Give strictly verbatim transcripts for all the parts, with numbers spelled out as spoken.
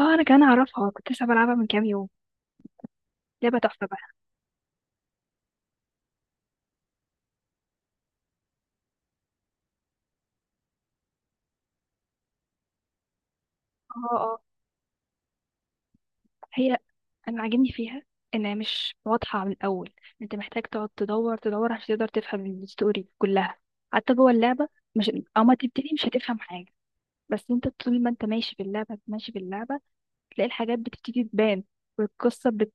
اه انا كمان اعرفها، آه، كنت لسه بلعبها من كام يوم. لعبه تحفه بقى. اه، اه. هي، انا عاجبني فيها انها مش واضحه من الاول. انت محتاج تقعد تدور تدور عشان تقدر تفهم الستوري كلها حتى جوه اللعبه. مش اما تبتدي مش هتفهم حاجه، بس انت طول ما انت ماشي في اللعبه ماشي في اللعبه تلاقي الحاجات بتبتدي تبان، والقصه بت...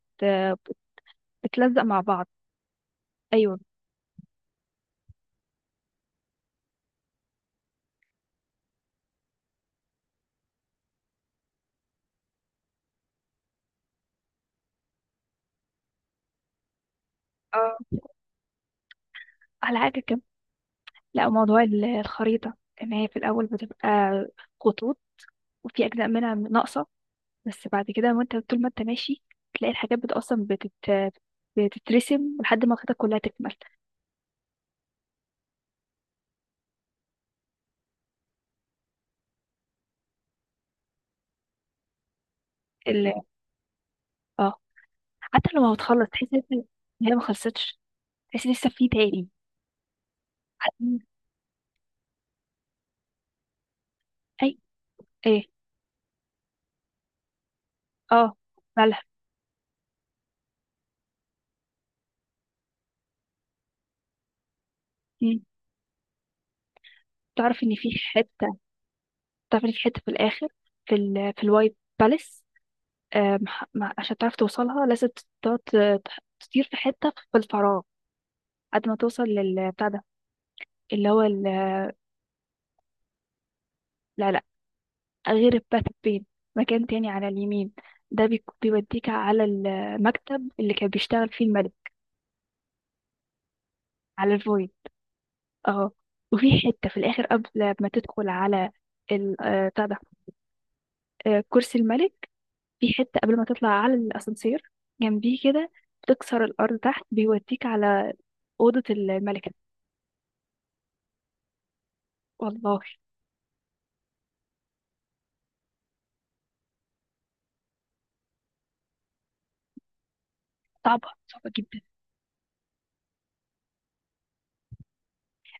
بتلزق مع بعض. ايوه، اه. على حاجه كم؟ لا، موضوع ال- الخريطه ان هي في الاول بتبقى خطوط وفي اجزاء منها ناقصه، بس بعد كده وانت طول ما انت ماشي تلاقي الحاجات بت اصلا بتت... بتترسم لحد ما خدتك كلها تكمل. ال... اه، حتى لما بتخلص تحس ان انت- إن هي ما خلصتش، تحس إن لسه في تاني. اي، ايه، اه. بلح. مم. تعرف ان في حته تعرف ان في حته في الاخر، في ال... في الوايت باليس. آه مح- مع- عشان تعرف توصلها لازم تقعد ت- تطير في حته في الفراغ قد ما توصل للبتاع ده، اللي هو ال- العلاج. غير الباث بين، مكان تاني على اليمين، ده بيك- بيوديك على المكتب اللي كان بيشتغل فيه الملك، على الفويد. اه. وفي حتة في الآخر قبل ما تدخل على ال- آه، بتاع ده، آه، كرسي الملك، في حتة قبل ما تطلع على الأسانسير، جنبيه كده بتكسر الأرض تحت بيوديك على أوضة الملكة. والله. صعبة صعبة جدا.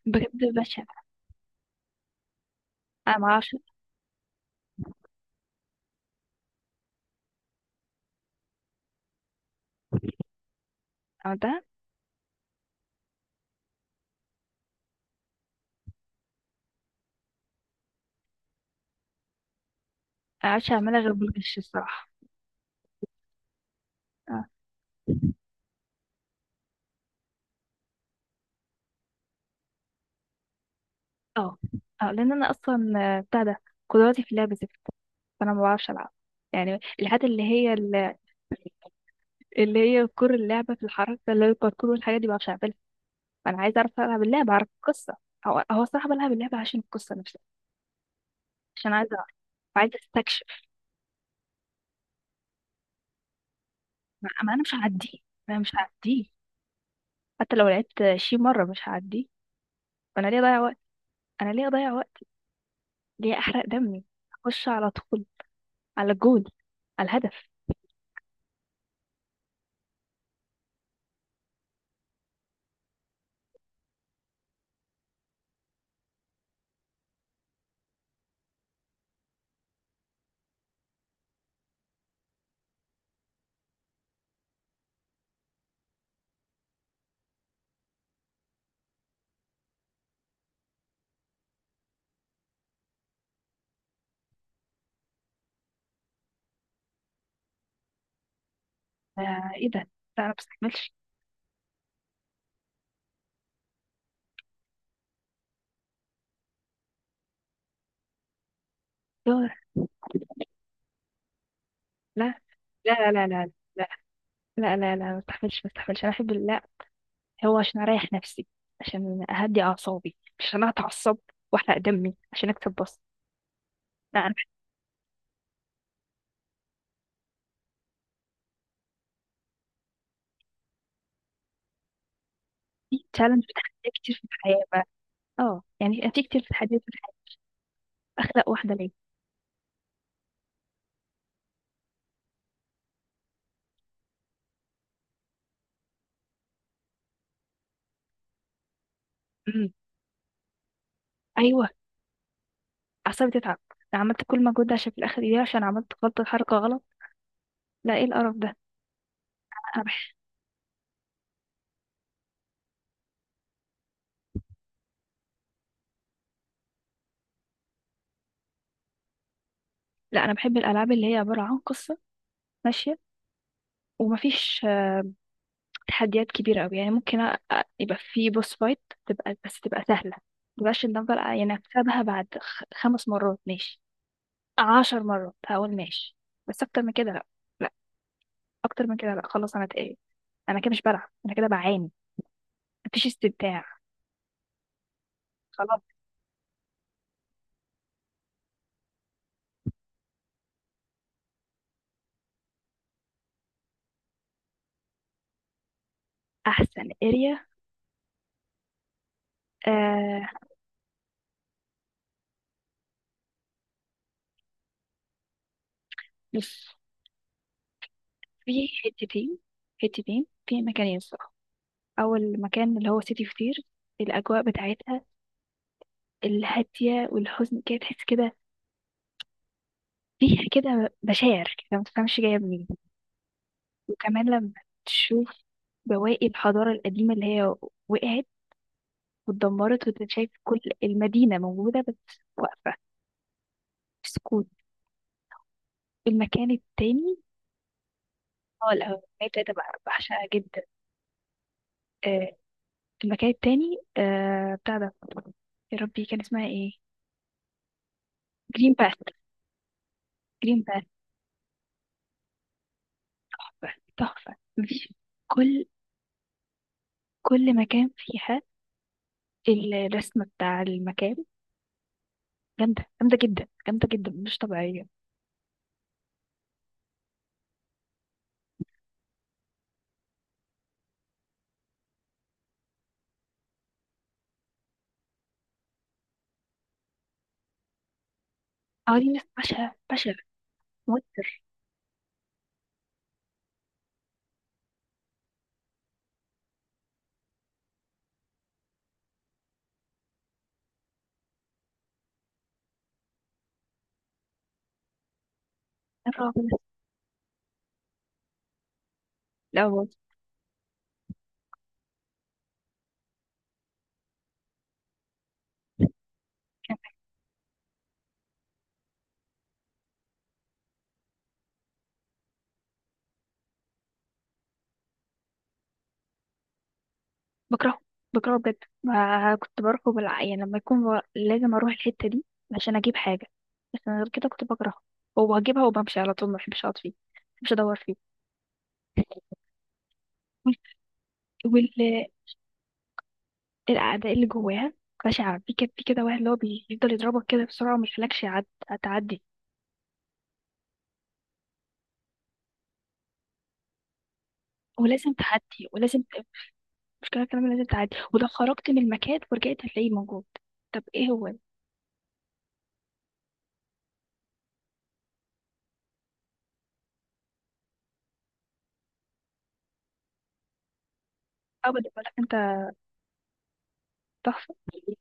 بجد بشع. أنا معرفش. عملتها. أنا معرفش أعملها غير بالغش الصراحة. آه. اه، اه، لان انا اصلا آه، بتاع ده، قدراتي في اللعب زفت، فانا ما بعرفش العب. يعني الحاجات اللي هي ال- اللي هي كور اللعبه في الحركه، اللي هي الباركور والحاجات دي، ما بعرفش اعملها. فانا عايزه اعرف العب اللعبه اعرف القصه. هو هو الصراحه بلعب اللعبه عشان القصه نفسها، عشان عايزه اعرف وعايزه استكشف. ما ما انا مش هعديه، ما انا مش هعديه، حتى لو لعبت شي مره مش هعديه، فانا ليه اضيع وقت؟ انا ليه اضيع وقت؟ ليه احرق دمي؟ اخش على طول، على الجول، على الهدف. آه ايه ده، لا، انا ما بستحملش. دور. لا، لا، لا، لا، لا، لا، لا، لا، ما استحملش، ما استحملش، انا احب، لا. هو عشان اريح نفسي، عشان اهدي اعصابي، مش عشان اتعصب واحرق دمي عشان اكسب بس. لا، انا عندي تشالنج، في تحديات كتير في الحياه بقى. اه، يعني في كتير، في تحديات في الحياه، اخلق واحده ليه؟ امم. ايوه. اعصابي تتعب. انا عملت كل مجهود ده عشان في الاخر ايه؟ عشان عملت غلطه، حركه غلط؟ لا، ايه القرف ده؟ انا بح... لا، انا بحب الالعاب اللي هي عباره عن قصه ماشيه، ومفيش تحديات كبيرة أوي، يعني ممكن أ- أ- يبقى في بوس فايت تبقى، بس تبقى سهلة. مبقاش إن أفضل يعني أكسبها بعد خ- خمس مرات، ماشي، عشر مرات هقول ماشي، بس أكتر من كده لأ. لأ، أكتر من كده لأ، خلاص أنا اتقل، أنا كده مش بلعب، أنا كده بعاني، مفيش استمتاع. خلاص. أحسن اريا؟ آه. بص، في حتتين، حتتين في مكانين الصراحة. أول مكان اللي هو سيتي كتير، الأجواء بتاعتها الهادية والحزن كده، تحس كده فيها كده بشاعر كده ما تفهمش جاية منين. وكمان لما تشوف بواقي الحضارة القديمة اللي هي وقعت واتدمرت وتتشاف كل المدينة موجودة بس واقفة في سكوت. المكان التاني، اه الأهرامات بتاعتها بقى بعشقها جدا. آه المكان التاني، آه بتاع ده، يا ربي كان اسمها ايه؟ جرين باث. جرين باث. تحفة، تحفة. مفيش، كل، كل مكان فيها الرسمة بتاع المكان جامدة، جامدة جدا، جامدة جدا، مش طبيعية. اه دي ناس بشع، بشع. موتر. الرعب ده. لا والله. كان بكرهه، بكرهه بجد. ما كنت بروحه بالع... يعني لما يكون ب... لازم اروح الحتة دي عشان اجيب حاجة، بس انا غير كده كنت بكرهه وبجيبها وبمشي على طول، ما بحبش اقعد فيه، ما بحبش ادور فيه. والأعداء اللي جواها بشعة، في كده في كده واحد اللي هو بيفضل يضربك كده بسرعة وما يخليكش يعد- تعدي، ولازم تعدي، ولازم ت- المشكلة كمان لازم تعدي، ولو خرجت من المكان ورجعت هتلاقيه موجود. طب ايه هو ده؟ ابدا، ولا انت تحفة اللي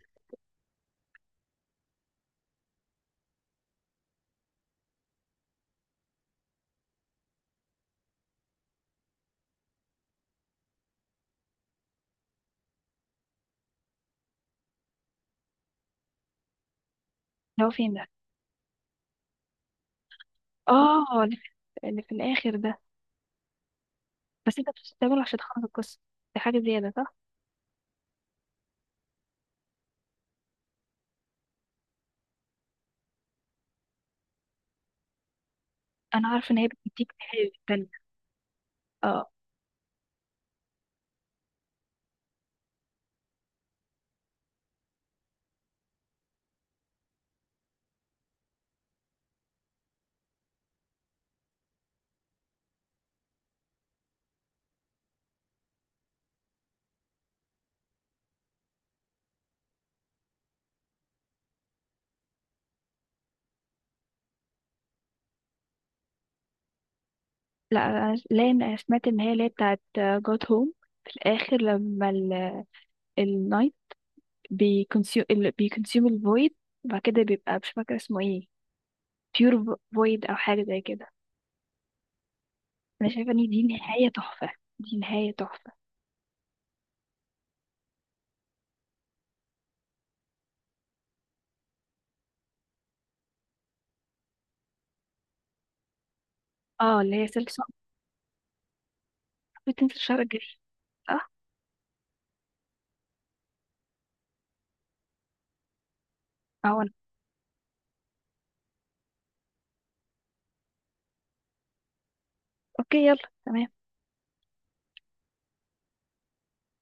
هو. فين ده؟ اه، اللي في، اللي في الآخر ده. بس انت بتستعمله عشان تخلص القصة، دي حاجة زيادة صح؟ أنا عارفة إن هي بتديك نهاية تانية. اه لا، أنا س- لا أنا سمعت إن هي اللي هي بتاعت جوت هوم، في الآخر لما ال- النايت بيكونسيوم، بيكونسيوم الفويد، وبعد كده بيبقى مش فاكرة اسمه ايه، بيور فويد أو حاجة زي كده. أنا شايفة إن دي نهاية تحفة، دي نهاية تحفة. اه اللي هي سلسلة، بتنزل شهر الجديد صح؟ اه، أنا- اوكي يلا تمام.